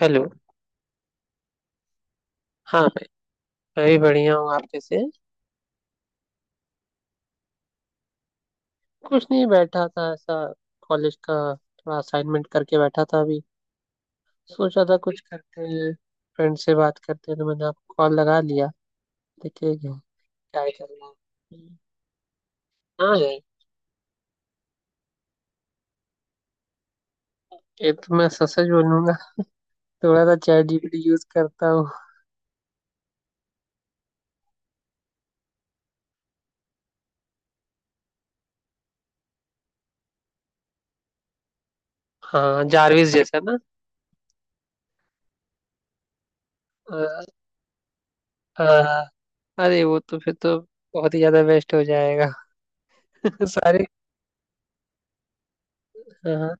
Hello. हाँ, मैं भी बढ़िया हूँ। आप कैसे हैं? कुछ नहीं, बैठा था ऐसा। कॉलेज का थोड़ा असाइनमेंट करके बैठा था अभी। सोचा था कुछ करते हैं, फ्रेंड से बात करते हैं, तो मैंने आपको कॉल लगा लिया। देखिए क्या। क्या ही करना है। हम्म, हाँ यार। ये तो मैं सच सच बोलूंगा, थोड़ा सा चैट जीपीटी यूज करता हूँ। हाँ, जारविस जैसा ना। आ, आ, अरे वो तो फिर तो बहुत ही ज्यादा वेस्ट हो जाएगा। सारे। हाँ।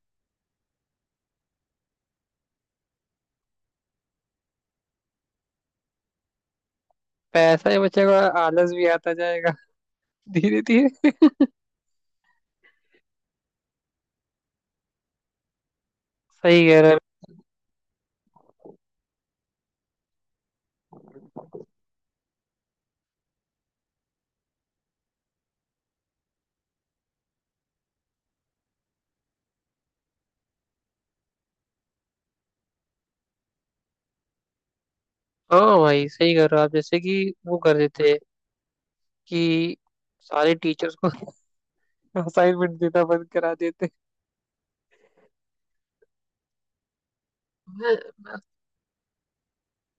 पैसा ही बचेगा। आलस भी आता जाएगा धीरे धीरे। सही कह रहे हैं। हाँ भाई, सही कह रहे हो आप, जैसे कि वो कर देते हैं कि सारे टीचर्स को असाइनमेंट देना बंद करा देते हैं।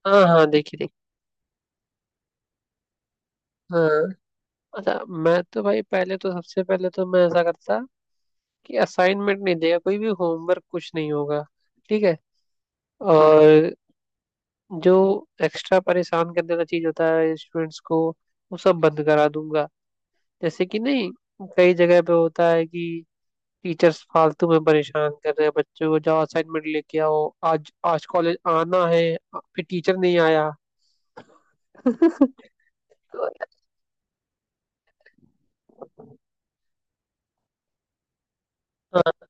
हाँ हाँ, देखिए देखिए। हाँ, अच्छा, मैं तो भाई पहले तो, सबसे पहले तो मैं ऐसा करता कि असाइनमेंट नहीं देगा कोई भी, होमवर्क कुछ नहीं होगा, ठीक है। और जो एक्स्ट्रा परेशान करने वाला चीज होता है स्टूडेंट्स को, वो सब बंद करा दूंगा। जैसे कि नहीं, कई जगह पे होता है कि टीचर्स फालतू में परेशान कर रहे हैं बच्चों को, जाओ असाइनमेंट लेके आओ, आज आज कॉलेज आना है, फिर टीचर नहीं आया। हाँ,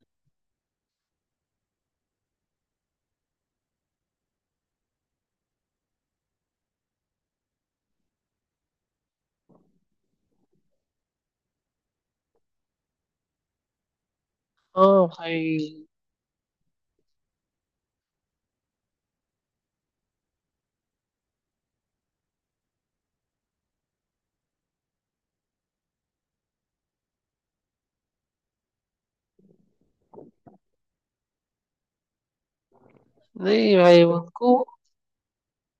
हाँ भाई। नहीं भाई, उनको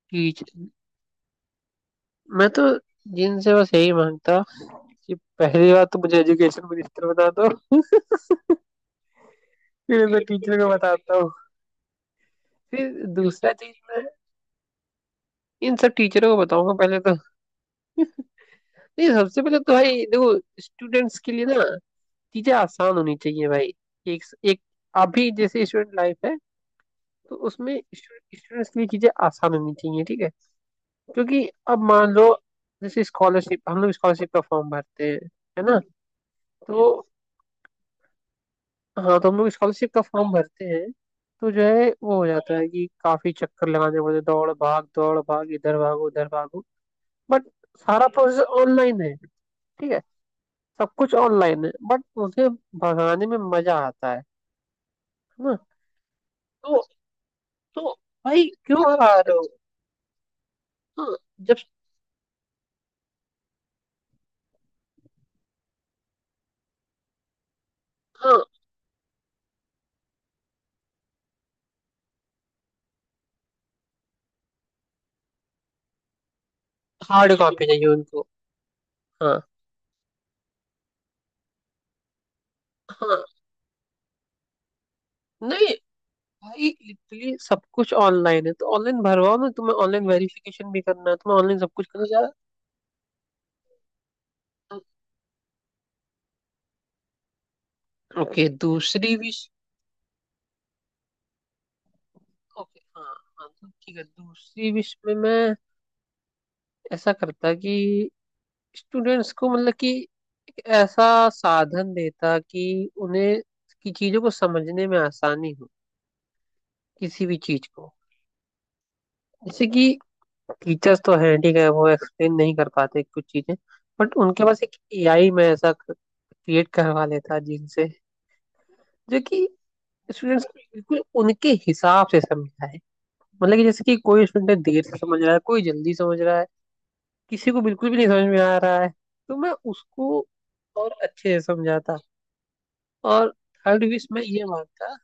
टीच, मैं तो जिनसे बस यही मांगता कि पहली बात तो मुझे एजुकेशन मिनिस्टर बना दो, फिर मैं टीचर को बताता हूँ। फिर दूसरा चीज, मैं इन सब टीचरों को बताऊंगा पहले तो। नहीं, सबसे पहले तो भाई देखो, स्टूडेंट्स के लिए ना चीजें आसान होनी चाहिए भाई। एक एक अभी जैसे स्टूडेंट लाइफ है, तो उसमें स्टूडेंट्स के लिए चीजें आसान होनी चाहिए, ठीक है। क्योंकि अब मान लो, जैसे स्कॉलरशिप, हम लोग स्कॉलरशिप का फॉर्म भरते हैं, है ना। तो हाँ, तो हम लोग स्कॉलरशिप का फॉर्म भरते हैं, तो जो है वो हो जाता है कि काफी चक्कर लगाने पड़ते हैं, दौड़ भाग दौड़ भाग, इधर भागो उधर भागो। बट सारा प्रोसेस ऑनलाइन है, ठीक है, सब कुछ ऑनलाइन है, बट उसे भगाने में मजा आता है ना। तो तो भाई क्यों हरा रहे हो? हाँ, जब, हाँ, हार्ड कॉपी चाहिए उनको। हाँ हाँ। नहीं भाई, लिटरली सब कुछ ऑनलाइन है तो ऑनलाइन भरवाओ ना, तुम्हें ऑनलाइन वेरिफिकेशन भी करना है, तुम्हें ऑनलाइन सब कुछ करना ज्यादा। ओके, दूसरी विश। ओके, हाँ। हाँ तो ठीक है, दूसरी विश में मैं ऐसा करता कि स्टूडेंट्स को, मतलब कि एक ऐसा साधन देता कि उन्हें की चीजों को समझने में आसानी हो, किसी भी चीज को। जैसे कि टीचर्स तो हैं, ठीक है, वो एक्सप्लेन नहीं कर पाते कुछ चीजें, बट उनके पास एक एआई में ऐसा क्रिएट करवा लेता है जिनसे, जो कि स्टूडेंट्स को बिल्कुल उनके हिसाब से समझाए। मतलब कि जैसे कि कोई स्टूडेंट देर से समझ रहा है, कोई जल्दी समझ रहा है, किसी को बिल्कुल भी नहीं समझ में आ रहा है, तो मैं उसको और अच्छे से समझाता। और थर्ड विश मैं ये मांगता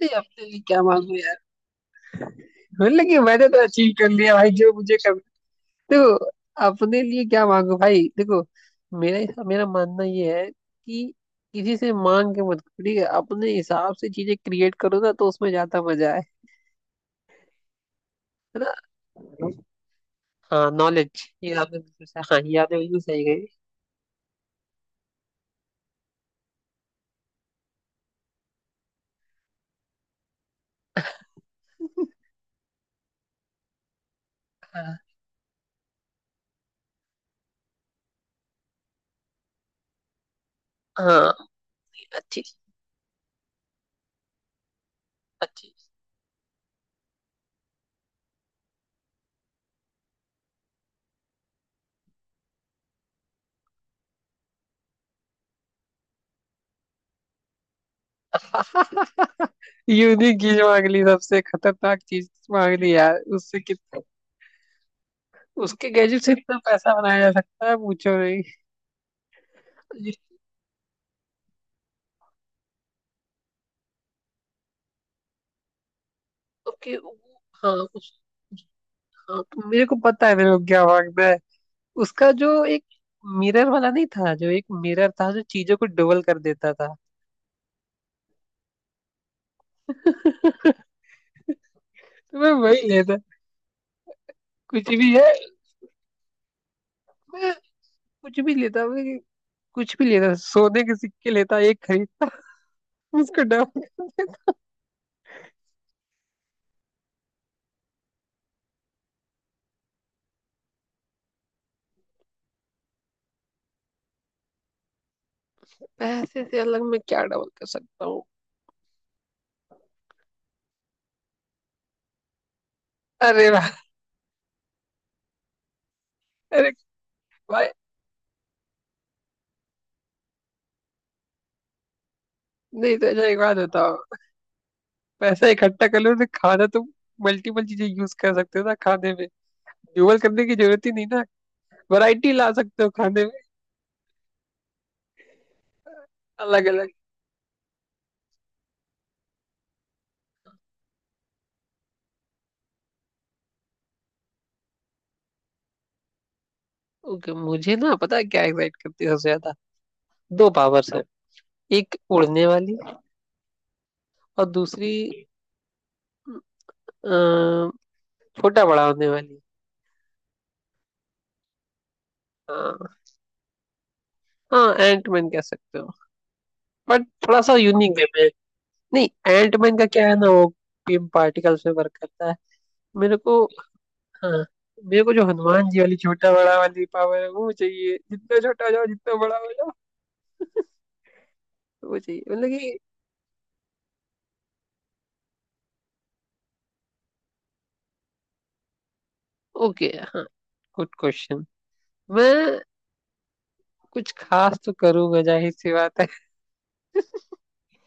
कि अपने लिए क्या मांगू यार। मतलब कि मैंने तो अचीव कर लिया भाई जो मुझे। देखो, अपने लिए क्या मांगो भाई, देखो, मेरा मेरा मानना ये है कि किसी से मांग के मत करो, ठीक है, अपने हिसाब से चीजें क्रिएट करो ना तो उसमें ज्यादा मजा आए, है ना। हाँ, नॉलेज, ये आपने बिल्कुल सही- हाँ, ये आपने बिल्कुल सही कही। हाँ हाँ, अच्छी अच्छी। यूनिक चीज मांग ली, सबसे खतरनाक चीज मांग ली यार, उससे कितना, उसके गैजेट से इतना पैसा बनाया जा सकता है, पूछो नहीं। उसके, हाँ, उस, हाँ तो मेरे को पता है मेरे को क्या मांगना है। उसका जो, एक मिरर वाला नहीं था, जो एक मिरर था जो चीजों को डबल कर देता था, तो मैं वही लेता। कुछ भी है। मैं कुछ भी लेता, मैं कुछ भी लेता, सोने के सिक्के लेता, एक खरीदता, उसको डबल। पैसे से अलग मैं क्या डबल कर सकता हूँ? अरे भाई, अरे भाई। नहीं तो अच्छा, एक बात बताओ, पैसा इकट्ठा कर लो तो खाना तो मल्टीपल चीजें यूज कर सकते हो ना खाने में, डबल करने की जरूरत ही नहीं ना, वैरायटी ला सकते हो खाने में, अलग अलग। ओके, मुझे ना पता है क्या एक्साइट करती है सबसे ज्यादा। दो पावर्स है एक उड़ने वाली और दूसरी अ, छोटा बड़ा होने वाली। हाँ। हाँ, एंटमैन कह सकते हो, बट थोड़ा सा यूनिक वे में है। नहीं, एंटमैन का क्या है ना, वो बीम पार्टिकल्स में वर्क करता है। मेरे को, हाँ, मेरे को जो हनुमान जी वाली छोटा बड़ा वाली पावर है वो चाहिए, जितना छोटा हो जाओ जितना बड़ा हो जाओ, वो चाहिए, मतलब कि। ओके। हाँ, गुड क्वेश्चन। मैं कुछ खास तो करूंगा, जाहिर सी बात है।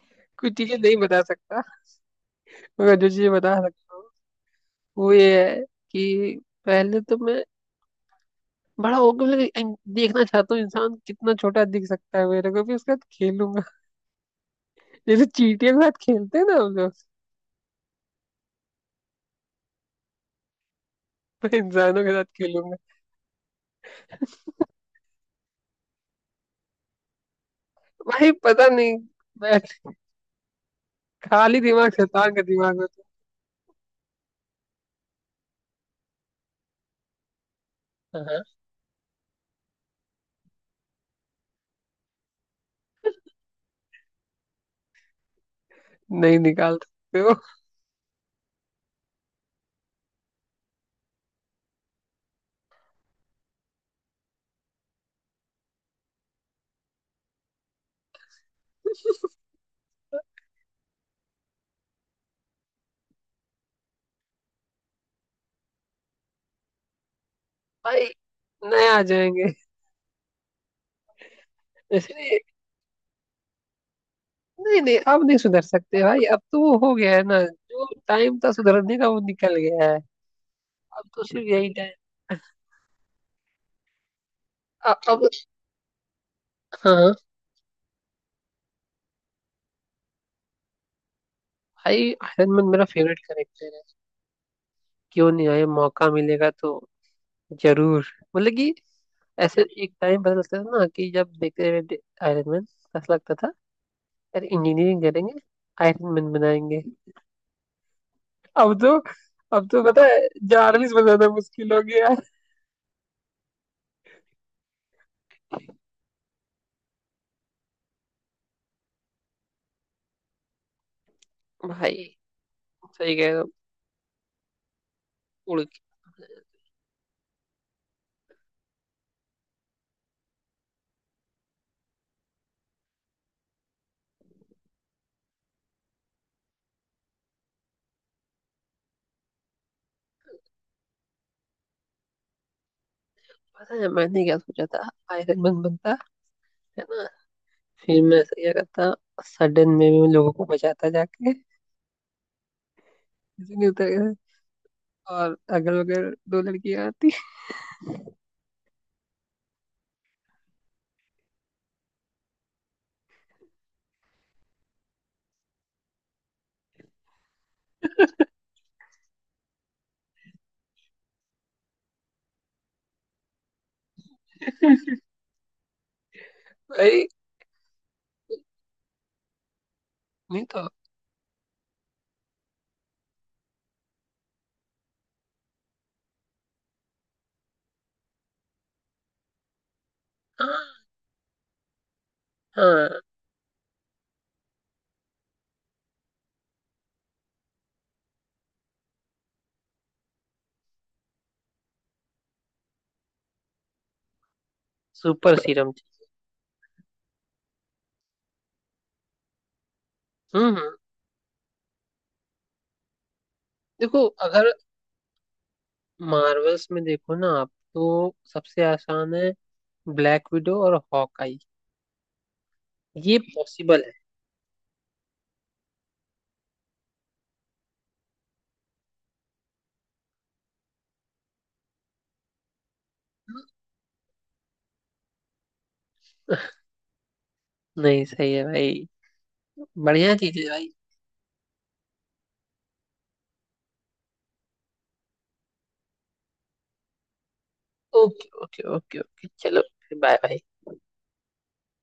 कुछ चीजें नहीं बता सकता, मगर जो चीजें बता सकता हूँ वो ये है कि पहले तो मैं बड़ा होकर मतलब देखना चाहता हूँ इंसान कितना छोटा दिख सकता है, मेरे को भी, उसके साथ खेलूंगा। जैसे चींटियों के साथ खेलते हैं ना हम लोग, मैं इंसानों के साथ खेलूंगा। भाई पता नहीं, मैं खाली दिमाग शैतान का दिमाग होता है। हाँ। नहीं निकाल सकते हो भाई, नए आ जाएंगे। इसलिए नहीं नहीं नहीं, अब नहीं सुधर सकते भाई, अब तो वो हो गया है ना, जो टाइम था सुधरने का वो निकल गया है। अब तो सिर्फ यही टाइम। अब। हाँ भाई, आयरन मैन मेरा फेवरेट कैरेक्टर है। क्यों नहीं, आए मौका मिलेगा तो जरूर, मतलब कि। ऐसे एक टाइम पता लगता था ना कि जब देखते रहे आयरन मैन, ऐसा लगता था यार इंजीनियरिंग करेंगे, आयरन मैन बनाएंगे। अब तो अब तो पता है जार्विस बनाना मुश्किल हो गया है। भाई सही कह रहे हो, उड़ के। पता है मैंने क्या सोचा था? आयरन मैन बनता, है ना, फिर मैं ऐसा क्या करता, सडन में मैं लोगों को बचाता जाके, ऐसे नहीं होता है। और अगल बगल दो लड़कियां आती। अरे नहीं तो। हाँ हाँ। Super serum. हम्म हम्म। देखो अगर मार्वल्स में देखो ना, आप तो सबसे आसान है ब्लैक विडो और हॉकआई, ये पॉसिबल है। नहीं, सही है भाई, बढ़िया चीज है भाई। ओके ओके ओके ओके चलो। Bye bye.